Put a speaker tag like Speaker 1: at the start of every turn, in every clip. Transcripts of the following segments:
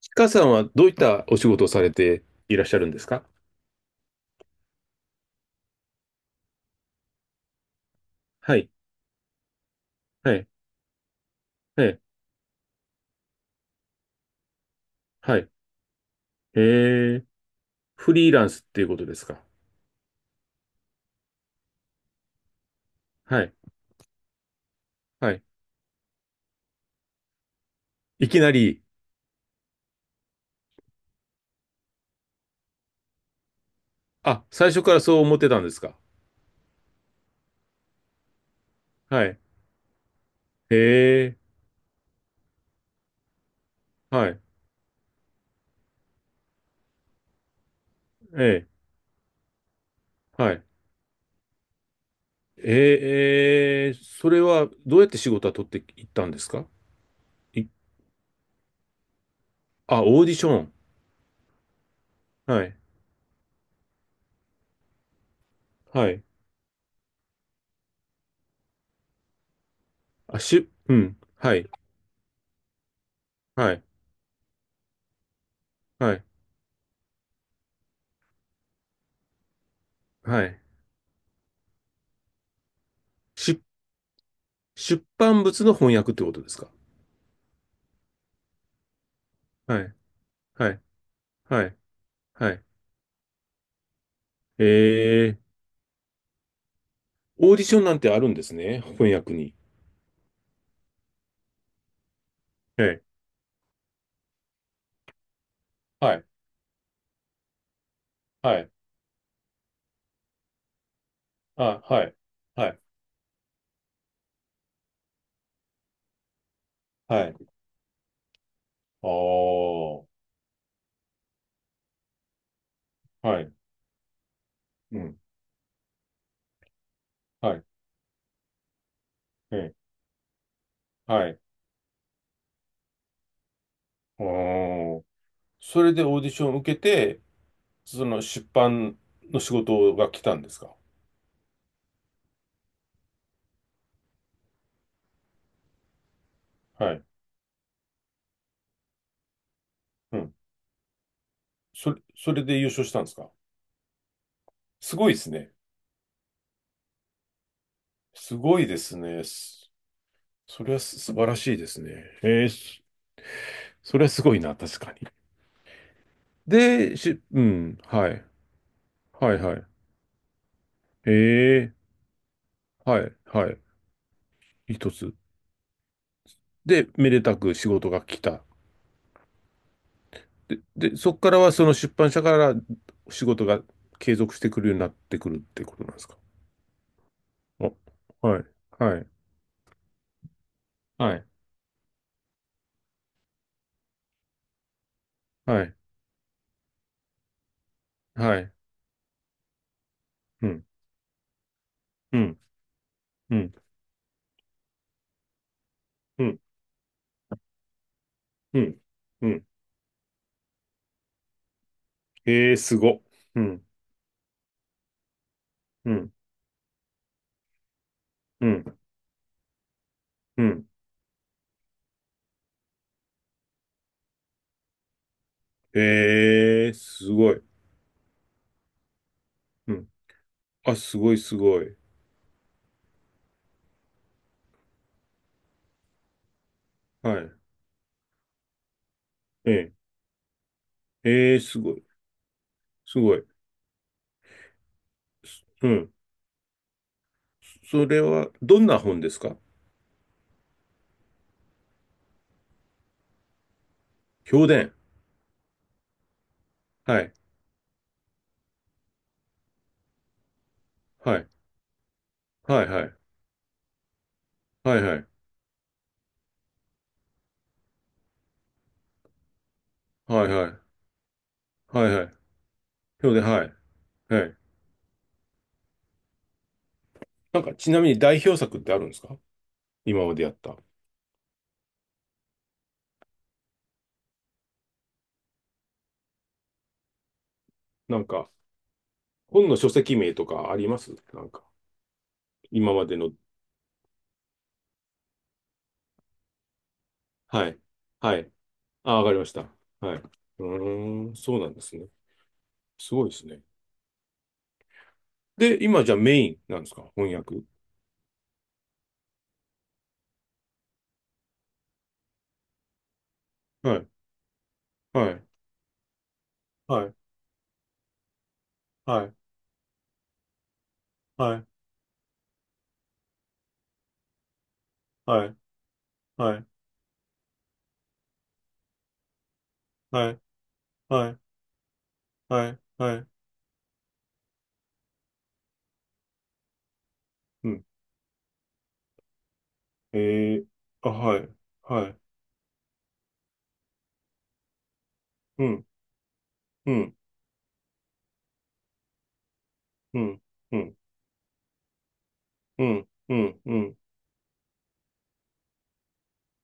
Speaker 1: ちかさんはどういったお仕事をされていらっしゃるんですか？はい、はい、はい、はい。えー、フリーランスっていうことですか？はい、はい。いきなり、あ、最初からそう思ってたんですか？はい。えはい、えはい。それはどうやって仕事は取っていったんですか？い、あ、オーディション。はい、はい。うん、はい、はい、はい、はい。し、出版物の翻訳ってことですか？はい、はい。はいはい。えー、オーディションなんてあるんですね、翻訳に。ええ。はい、はい、あ、はい、はい、はい。おー、はい、うん、はい、ええ、はい。おー。それでオーディションを受けて、その出版の仕事が来たんですか？はい、うん。それで優勝したんですか？すごいですね。すごいですね。それは素晴らしいですね。えー、それはすごいな、確かに。うん、はい、はい、はい。ええ、はい、はい。一つ。で、めでたく仕事が来た。で、で、そこからはその出版社から仕事が継続してくるようになってくるってことなんですか？お、はい、はい、はい、はい、はい、うん、うん、うん、うん、うん、うん。ええ、すご。うん、うん、うん、うん。ええ、すごい。うん。あ、すごい、すごい。はい。ええ、ええ、すごい、すごい。すうん。それは、どんな本ですか？評伝。はい。はい。はいはい。はいはい。はいはい。はいはい。評伝、はい。はい。なんか、ちなみに代表作ってあるんですか？今までやった。なんか、本の書籍名とかありますなんか、今までの。はい。はい。あ、わかりました。はい。うーん、そうなんですね。すごいですね。で、今じゃあメインなんですか翻訳。はい。はい。はい。はい。はい。はい。はい。はい。はい。はい。はい。うん。えー、あ、はい。はい。うん。うん、うん、うん、うん、うん、うん、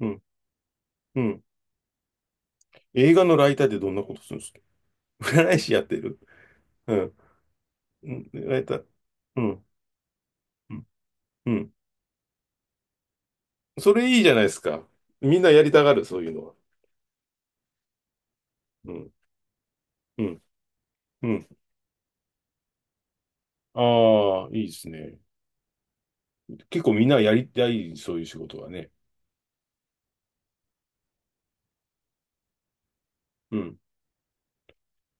Speaker 1: うん、うん。映画のライターってどんなことするんですか？ 占い師やってる。うん。うんライター。うん、うん、うん。それいいじゃないですか。みんなやりたがる、そういうのは。うん、うん、うん。ああ、いいですね。結構みんなやりたい、そういう仕事はね。うん。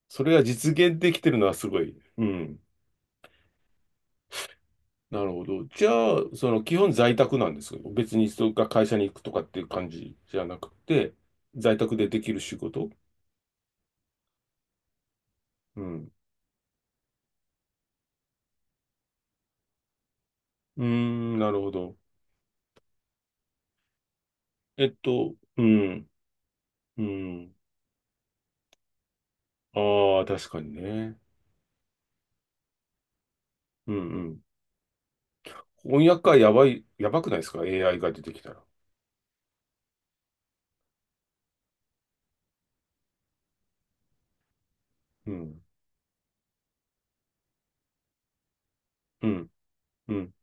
Speaker 1: それが実現できてるのはすごい。うん。なるほど。じゃあ、その基本在宅なんですけど、別にそれが会社に行くとかっていう感じじゃなくて、在宅でできる仕事。うん。うん、なるほど。えっと、うん、うん。ああ、確かにね。うん、うん。翻訳家やばい、やばくないですか？ AI が出てきたら。うん、うん、うん、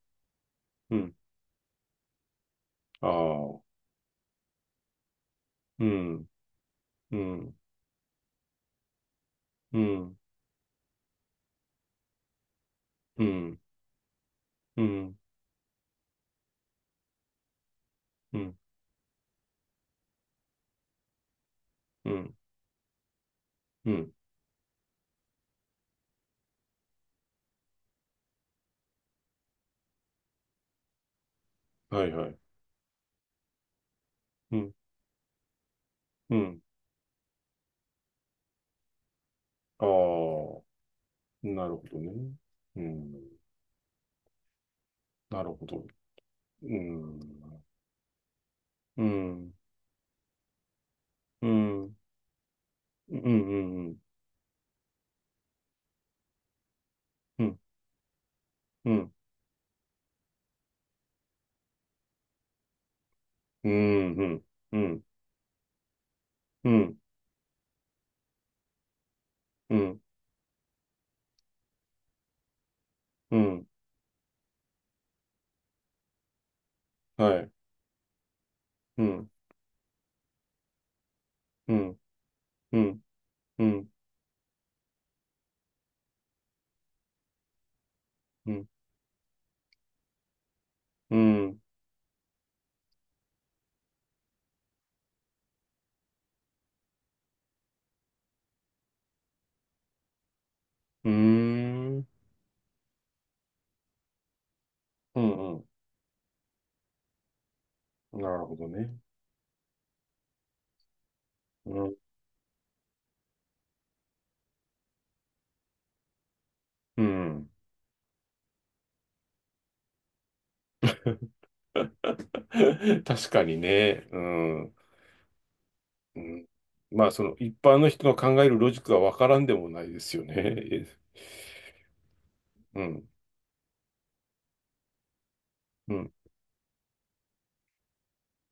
Speaker 1: うん。ああ、うん、うん、うん、うん、うん、うん、うん、うん。はい、はい。うん、うん。ああ、なるほどね。うん、なるほど。うん、うん、うん、うん、うん、うん、うん、うん、うん、うん。うん、うん、うん、はい。うん、うん、うん、うん、うん、うん、うーん、うん、うんなるほどね。うん、うん。確かにね。うん、うん。まあ、その一般の人の考えるロジックはわからんでもないですよね。うん、うん、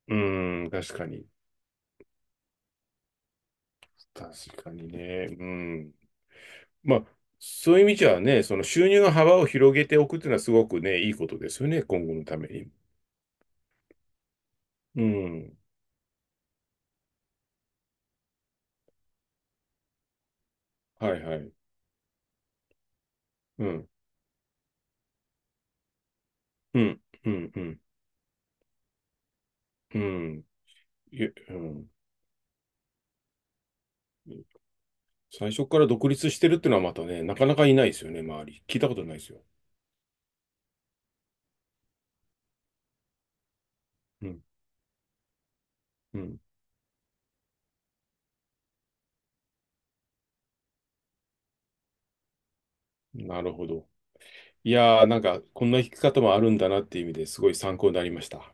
Speaker 1: うん、確かに。確かにね。うん。まあ、そういう意味じゃね、その収入の幅を広げておくっていうのはすごくね、いいことですよね、今後のために。うん。はいはい。うん。うん、うん、うん、うん、いえうん。最初から独立してるっていうのはまたね、なかなかいないですよね、周り。聞いたことないですよ。うん、うん。なるほど。いやー、なんか、こんな弾き方もあるんだなっていう意味ですごい参考になりました。